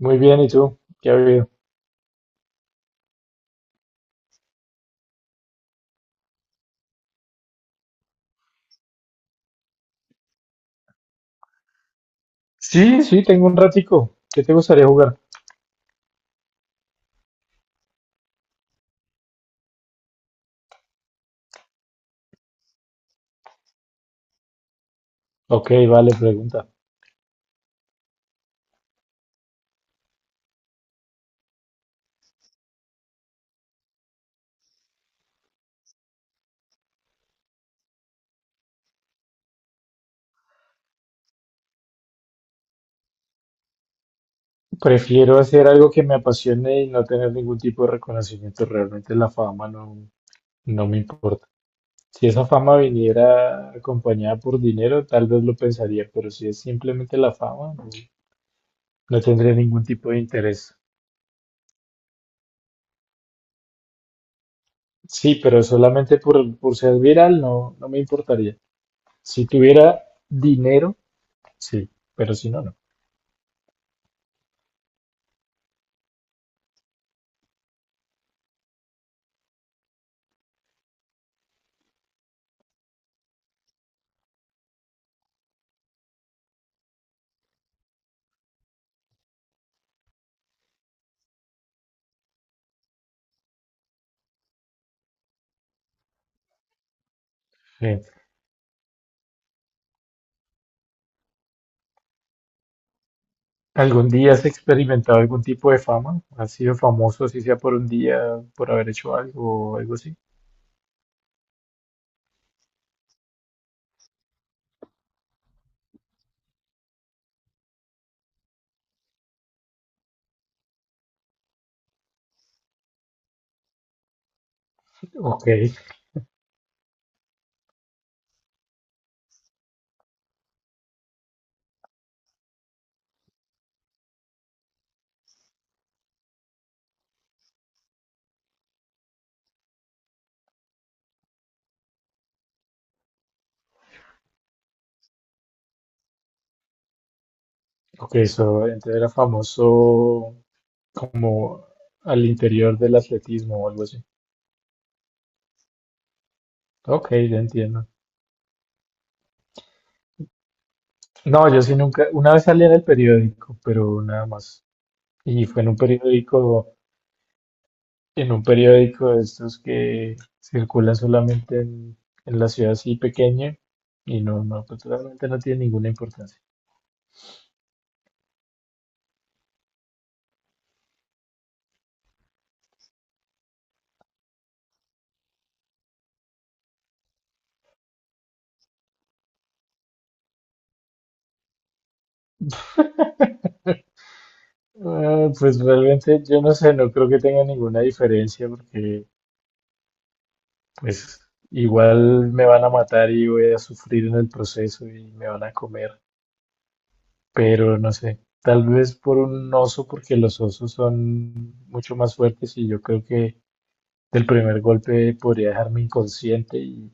Muy bien, ¿y tú? ¿Qué ha habido? Sí, sí, tengo un ratico. ¿Qué te gustaría jugar? Ok, vale, pregunta. Prefiero hacer algo que me apasione y no tener ningún tipo de reconocimiento. Realmente la fama no, no me importa. Si esa fama viniera acompañada por dinero, tal vez lo pensaría, pero si es simplemente la fama, no, no tendría ningún tipo de interés. Sí, pero solamente por ser viral no, no me importaría. Si tuviera dinero, sí, pero si no, no. ¿Algún día has experimentado algún tipo de fama? ¿Has sido famoso, si sea por un día, por haber hecho algo o algo así? Ok, ok, eso entonces era famoso como al interior del atletismo o algo así. Ok, ya entiendo. No, yo sí nunca, una vez salí en el periódico, pero nada más. Y fue en un periódico de estos que circulan solamente en la ciudad así pequeña y no, no, pues realmente no tiene ninguna importancia. Ah, pues realmente yo no sé, no creo que tenga ninguna diferencia porque pues igual me van a matar y voy a sufrir en el proceso y me van a comer, pero no sé, tal vez por un oso porque los osos son mucho más fuertes y yo creo que del primer golpe podría dejarme inconsciente y,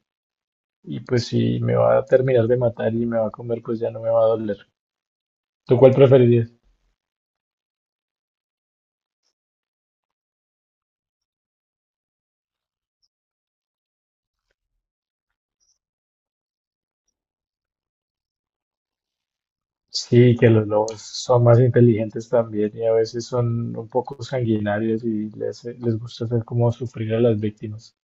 y pues si me va a terminar de matar y me va a comer pues ya no me va a doler. ¿Tú cuál preferirías? Sí, que los lobos son más inteligentes también y a veces son un poco sanguinarios y les gusta hacer como sufrir a las víctimas.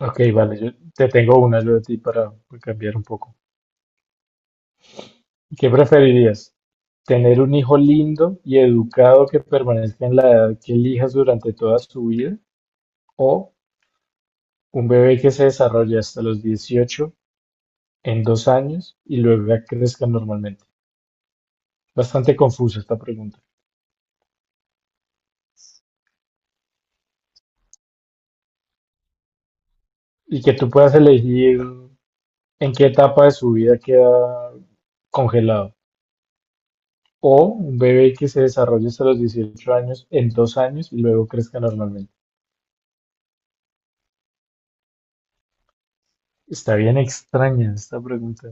Ok, vale, yo te tengo una yo de ti para cambiar un poco. ¿Qué preferirías? ¿Tener un hijo lindo y educado que permanezca en la edad que elijas durante toda su vida? ¿O un bebé que se desarrolle hasta los 18 en 2 años y luego crezca normalmente? Bastante confusa esta pregunta. Y que tú puedas elegir, ¿en qué etapa de su vida queda congelado? O un bebé que se desarrolle hasta los 18 años en 2 años y luego crezca normalmente. Está bien extraña esta pregunta.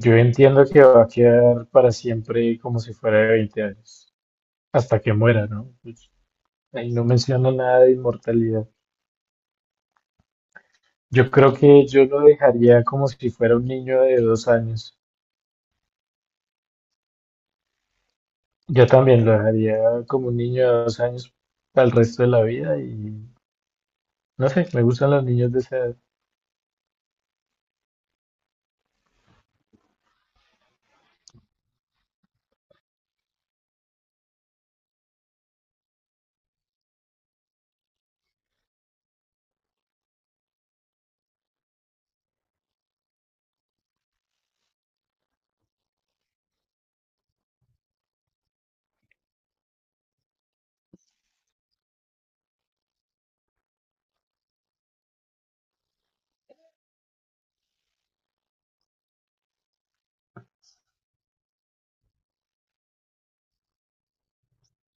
Yo entiendo que va a quedar para siempre como si fuera de 20 años, hasta que muera, ¿no? Pues, ahí no menciona nada de inmortalidad. Yo creo que yo lo dejaría como si fuera un niño de 2 años. Yo también lo dejaría como un niño de 2 años para el resto de la vida y no sé, me gustan los niños de esa edad.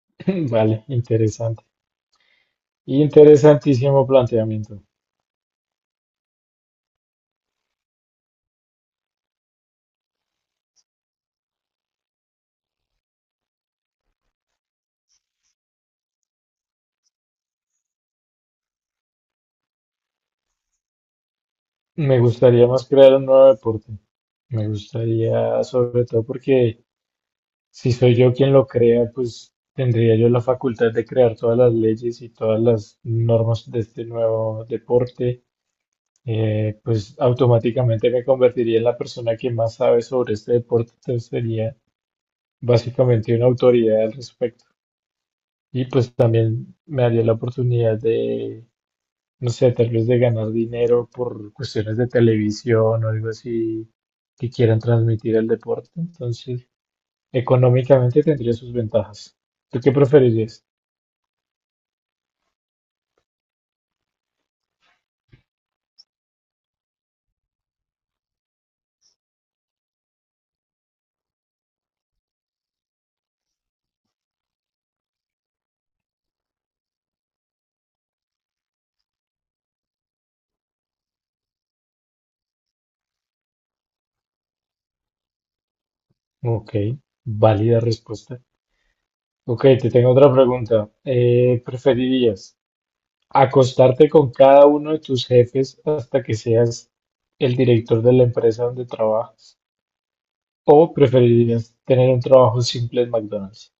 Vale, interesante. Interesantísimo planteamiento. Me gustaría más crear un nuevo deporte. Me gustaría, sobre todo porque si soy yo quien lo crea, pues tendría yo la facultad de crear todas las leyes y todas las normas de este nuevo deporte. Pues automáticamente me convertiría en la persona que más sabe sobre este deporte. Entonces sería básicamente una autoridad al respecto. Y pues también me haría la oportunidad de no sé, tal vez de ganar dinero por cuestiones de televisión o algo así que quieran transmitir el deporte. Entonces, económicamente tendría sus ventajas. ¿Tú qué preferirías? Ok, válida respuesta. Ok, te tengo otra pregunta. ¿Preferirías acostarte con cada uno de tus jefes hasta que seas el director de la empresa donde trabajas? ¿O preferirías tener un trabajo simple en McDonald's?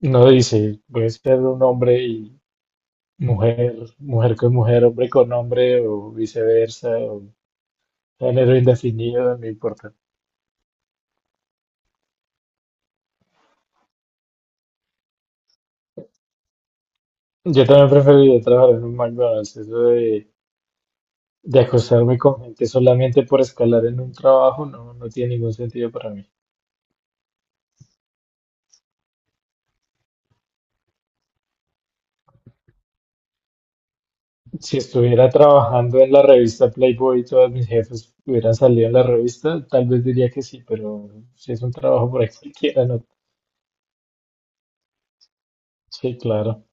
No dice, voy a ser un hombre y mujer, mujer con mujer, hombre con hombre o viceversa, o género indefinido, no importa. Yo también preferiría trabajar en un McDonald's, eso de acostarme con gente solamente por escalar en un trabajo no, no tiene ningún sentido para mí. Si estuviera trabajando en la revista Playboy y todos mis jefes hubieran salido en la revista, tal vez diría que sí, pero si es un trabajo por ahí cualquiera, no. Sí, claro.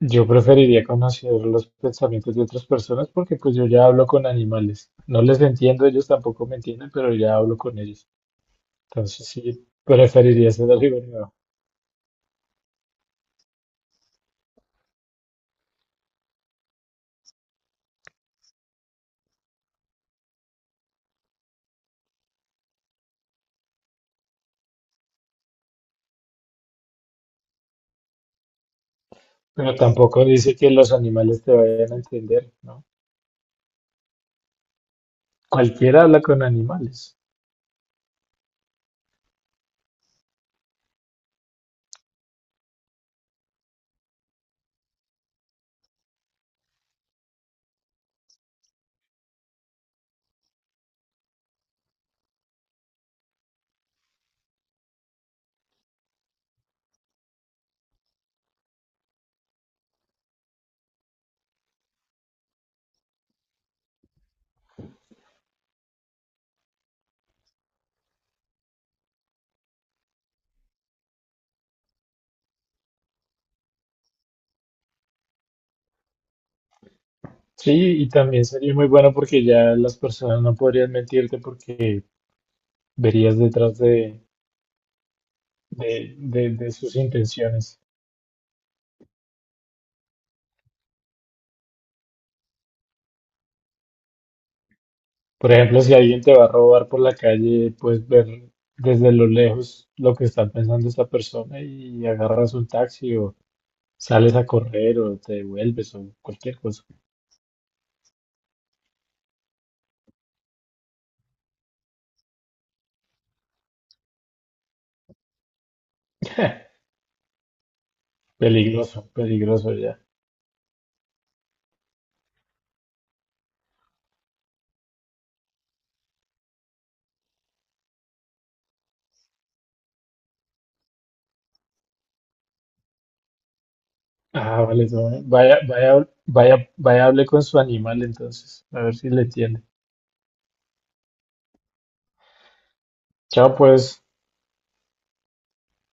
Yo preferiría conocer los pensamientos de otras personas porque pues yo ya hablo con animales. No les entiendo, ellos tampoco me entienden, pero ya hablo con ellos. Entonces sí, preferiría hacer algo nuevo. Pero tampoco dice que los animales te vayan a entender, ¿no? Cualquiera habla con animales. Sí, y también sería muy bueno porque ya las personas no podrían mentirte porque verías detrás de sus intenciones. Por ejemplo, si alguien te va a robar por la calle, puedes ver desde lo lejos lo que está pensando esta persona y agarras un taxi o sales a correr o te devuelves o cualquier cosa. Peligroso, peligroso ya. Ah, vale, no, Vaya, vaya, vaya, vaya, hable con su animal entonces, a ver si le entiende. Chao, pues.